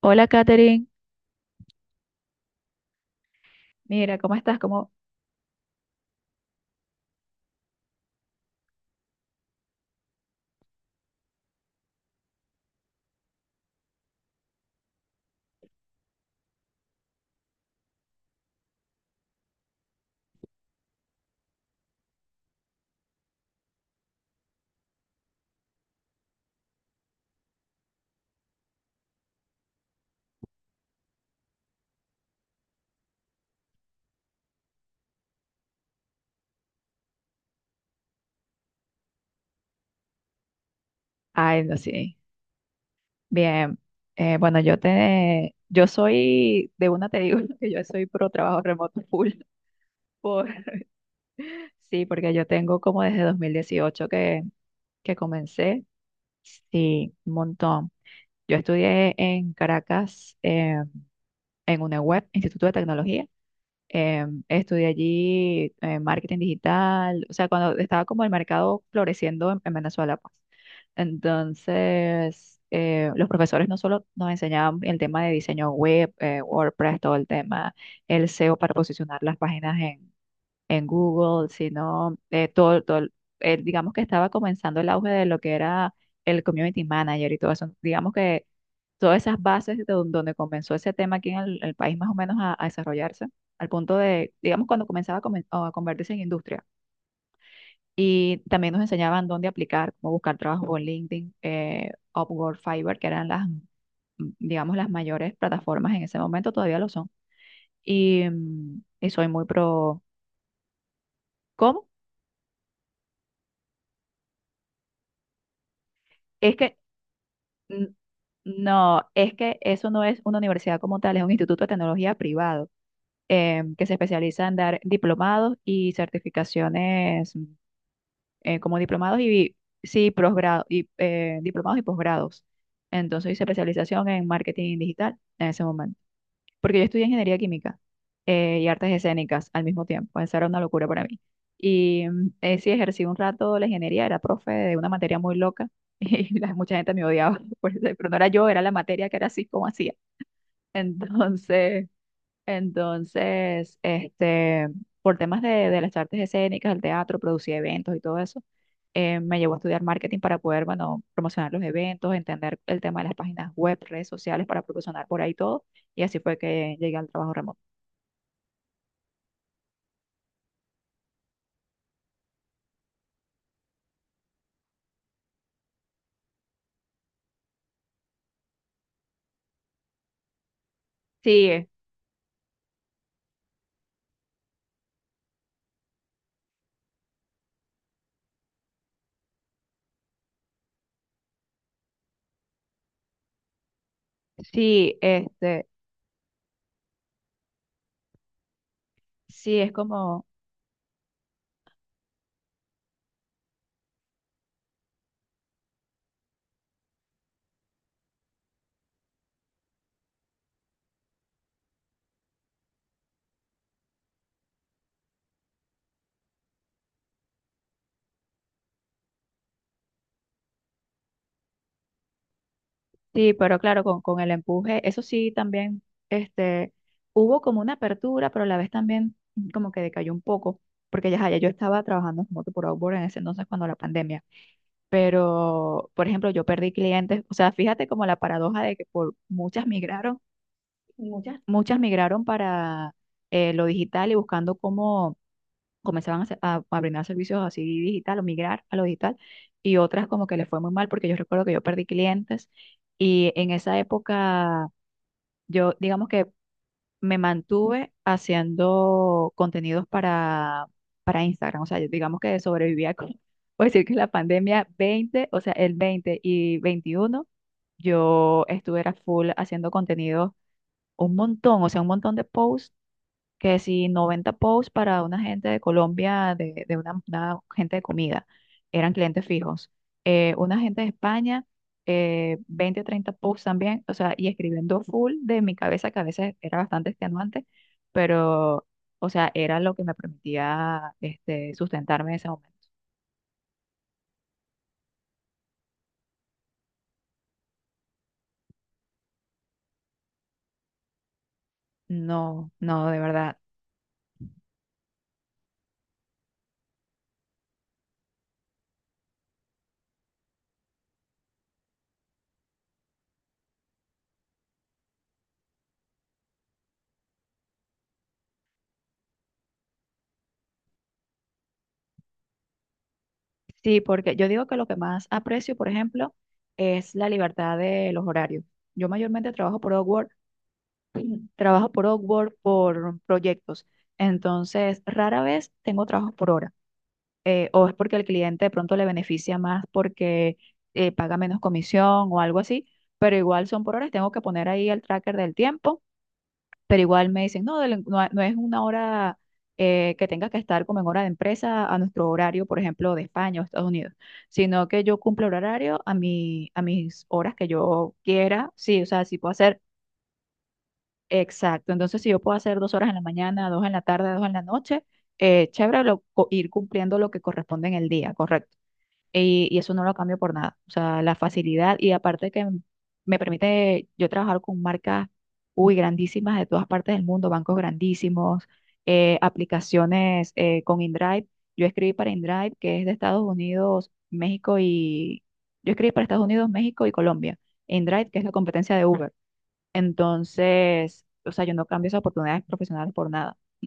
Hola, Katherine. Mira, ¿cómo estás? ¿Cómo? Ay, no, sí. Bien. Bueno, yo soy, de una te digo que yo soy pro trabajo remoto full. Por, sí, porque yo tengo como desde 2018 que comencé. Sí, un montón. Yo estudié en Caracas, en UNEWeb, Instituto de Tecnología. Estudié allí marketing digital, o sea, cuando estaba como el mercado floreciendo en Venezuela, pues. Entonces, los profesores no solo nos enseñaban el tema de diseño web, WordPress, todo el tema, el SEO para posicionar las páginas en Google, sino todo digamos que estaba comenzando el auge de lo que era el community manager y todo eso. Digamos que todas esas bases de donde comenzó ese tema aquí en el país más o menos a desarrollarse, al punto de, digamos, cuando comenzaba a convertirse en industria. Y también nos enseñaban dónde aplicar, cómo buscar trabajo por LinkedIn, Upwork, Fiverr, que eran digamos, las mayores plataformas en ese momento, todavía lo son. Y y soy muy pro. ¿Cómo? Es que... mm, no, es que eso no es una universidad como tal, es un instituto de tecnología privado que se especializa en dar diplomados y certificaciones como diplomados y sí, posgrado, y diplomados y posgrados. Entonces hice especialización en marketing digital en ese momento porque yo estudié ingeniería química y artes escénicas al mismo tiempo. Esa era una locura para mí. Y sí, ejercí un rato la ingeniería, era profe de una materia muy loca y mucha gente me odiaba, por eso, pero no era yo, era la materia que era así como hacía. Entonces, entonces, por temas de las artes escénicas, el teatro, producía eventos y todo eso, me llevó a estudiar marketing para poder, bueno, promocionar los eventos, entender el tema de las páginas web, redes sociales para promocionar por ahí todo. Y así fue que llegué al trabajo remoto. Sí, sí, este, sí, es como, sí, pero claro, con el empuje, eso sí, también, este, hubo como una apertura, pero a la vez también como que decayó un poco, porque ya yo estaba trabajando como por Outboard en ese entonces cuando la pandemia. Pero, por ejemplo, yo perdí clientes, o sea, fíjate como la paradoja de que por muchas migraron, muchas. Muchas migraron para lo digital y buscando cómo comenzaban a brindar servicios así digital o migrar a lo digital, y otras como que les fue muy mal porque yo recuerdo que yo perdí clientes, y en esa época yo digamos que me mantuve haciendo contenidos para Instagram. O sea, yo digamos que sobrevivía con, puedo decir que la pandemia 20, o sea, el 20 y 21 yo estuve era full haciendo contenidos un montón, o sea, un montón de posts que si 90 posts para una gente de Colombia, una gente de comida, eran clientes fijos. Una gente de España, 20 o 30 posts también, o sea, y escribiendo full de mi cabeza, que a veces era bastante extenuante, pero, o sea, era lo que me permitía sustentarme en ese momento. No, no, de verdad. Sí, porque yo digo que lo que más aprecio, por ejemplo, es la libertad de los horarios. Yo mayormente trabajo por Upwork. Trabajo por Upwork, por proyectos. Entonces, rara vez tengo trabajos por hora. O es porque al cliente de pronto le beneficia más porque paga menos comisión o algo así, pero igual son por horas. Tengo que poner ahí el tracker del tiempo, pero igual me dicen, no, no es una hora que tenga que estar como en hora de empresa a nuestro horario, por ejemplo, de España o Estados Unidos, sino que yo cumplo el horario a mis horas que yo quiera. Sí, o sea, si puedo hacer. Exacto, entonces si yo puedo hacer dos horas en la mañana, dos en la tarde, dos en la noche, chévere ir cumpliendo lo que corresponde en el día, correcto. Y eso no lo cambio por nada. O sea, la facilidad y aparte que me permite yo trabajar con marcas, uy, grandísimas de todas partes del mundo, bancos grandísimos, aplicaciones con InDrive. Yo escribí para InDrive, que es de Estados Unidos, México y... Yo escribí para Estados Unidos, México y Colombia. InDrive, que es la competencia de Uber. Entonces, o sea, yo no cambio esas oportunidades profesionales por nada.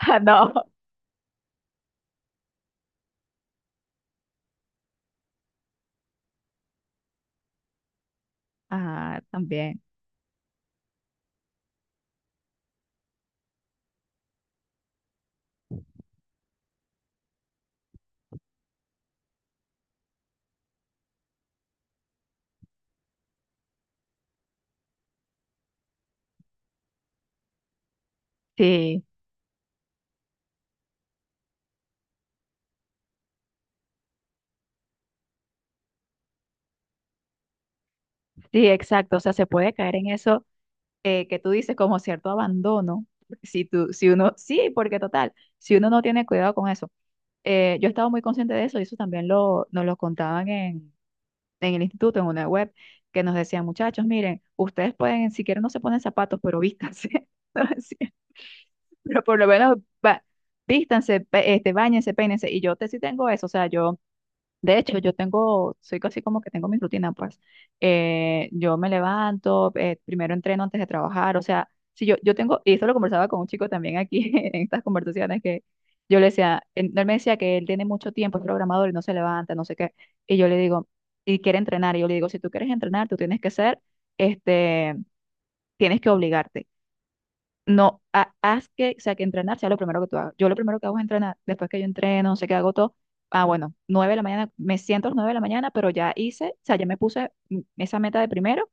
Ah, no. Ah, también. Sí, sí, exacto. O sea, se puede caer en eso que tú dices como cierto abandono. Si tú, si uno, Sí, porque total, si uno no tiene cuidado con eso. Yo estaba muy consciente de eso y eso también nos lo contaban en el instituto, en una web, que nos decían, muchachos, miren, ustedes pueden, si quieren no se ponen zapatos, pero vístanse. Pero por lo menos va, vístanse, báñense, peínense. Y sí tengo eso, o sea, yo, de hecho, yo tengo, soy casi como que tengo mi rutina, pues. Yo me levanto, primero entreno antes de trabajar, o sea, si yo, yo tengo, y esto lo conversaba con un chico también aquí en estas conversaciones que yo le decía, él me decía que él tiene mucho tiempo, es programador y no se levanta, no sé qué. Y yo le digo, y quiere entrenar, y yo le digo, si tú quieres entrenar, tú tienes que ser, este, tienes que obligarte. No, haz que, o sea, que entrenar sea lo primero que tú hagas. Yo lo primero que hago es entrenar. Después que yo entreno, no sé qué hago todo. Ah, bueno, 9 de la mañana, me siento a las 9 de la mañana, pero ya hice, o sea, ya me puse esa meta de primero.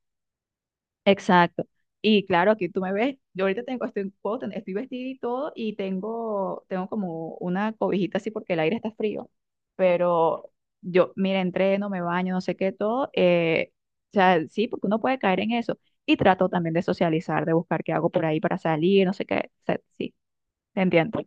Exacto. Y claro, aquí tú me ves. Yo ahorita puedo estoy vestida y todo, tengo como una cobijita así porque el aire está frío. Pero yo, mira, entreno, me baño, no sé qué, todo. O sea, sí, porque uno puede caer en eso. Y trato también de socializar, de buscar qué hago por ahí para salir, no sé qué. O sea, sí, te entiendo.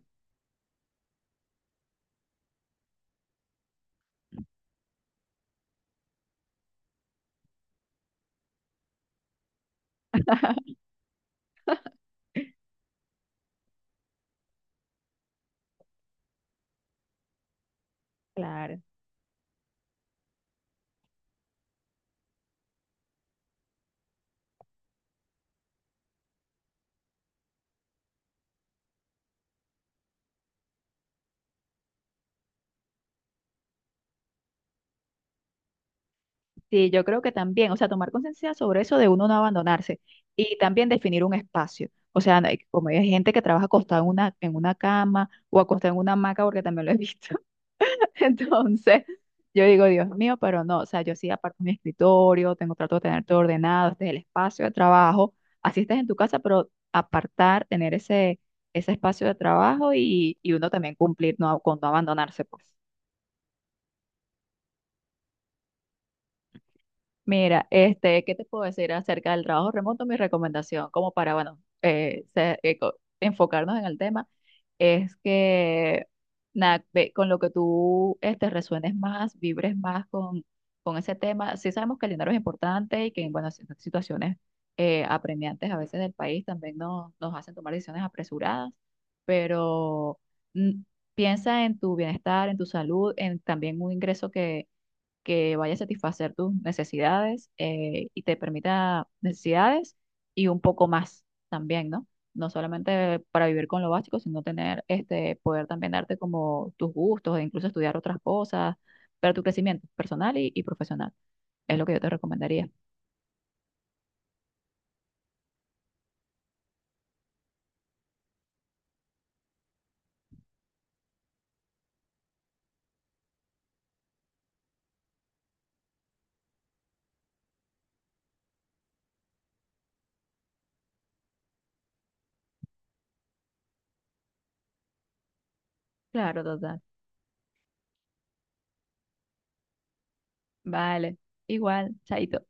Claro. Sí, yo creo que también, o sea, tomar conciencia sobre eso de uno no abandonarse y también definir un espacio. O sea, no hay- como hay gente que trabaja acostada en una cama o acostada en una hamaca, porque también lo he visto. Entonces, yo digo, Dios mío, pero no, o sea, yo sí aparto mi escritorio, tengo trato de tener todo ordenado, este es el espacio de trabajo, así estés en tu casa, pero apartar, tener ese espacio de trabajo y uno también cumplir no, con no abandonarse, pues. Mira, ¿qué te puedo decir acerca del trabajo remoto? Mi recomendación, como para, bueno, enfocarnos en el tema, es que nada, ve con lo que tú resuenes más, vibres más con ese tema. Sí sabemos que el dinero es importante y que, bueno, situaciones apremiantes a veces del país también nos hacen tomar decisiones apresuradas, pero mm, piensa en tu bienestar, en tu salud, en también un ingreso que vaya a satisfacer tus necesidades y te permita necesidades y un poco más también, ¿no? No solamente para vivir con lo básico, sino tener este poder también darte como tus gustos e incluso estudiar otras cosas para tu crecimiento personal y profesional. Es lo que yo te recomendaría. Claro, total. Vale. Igual, chaito.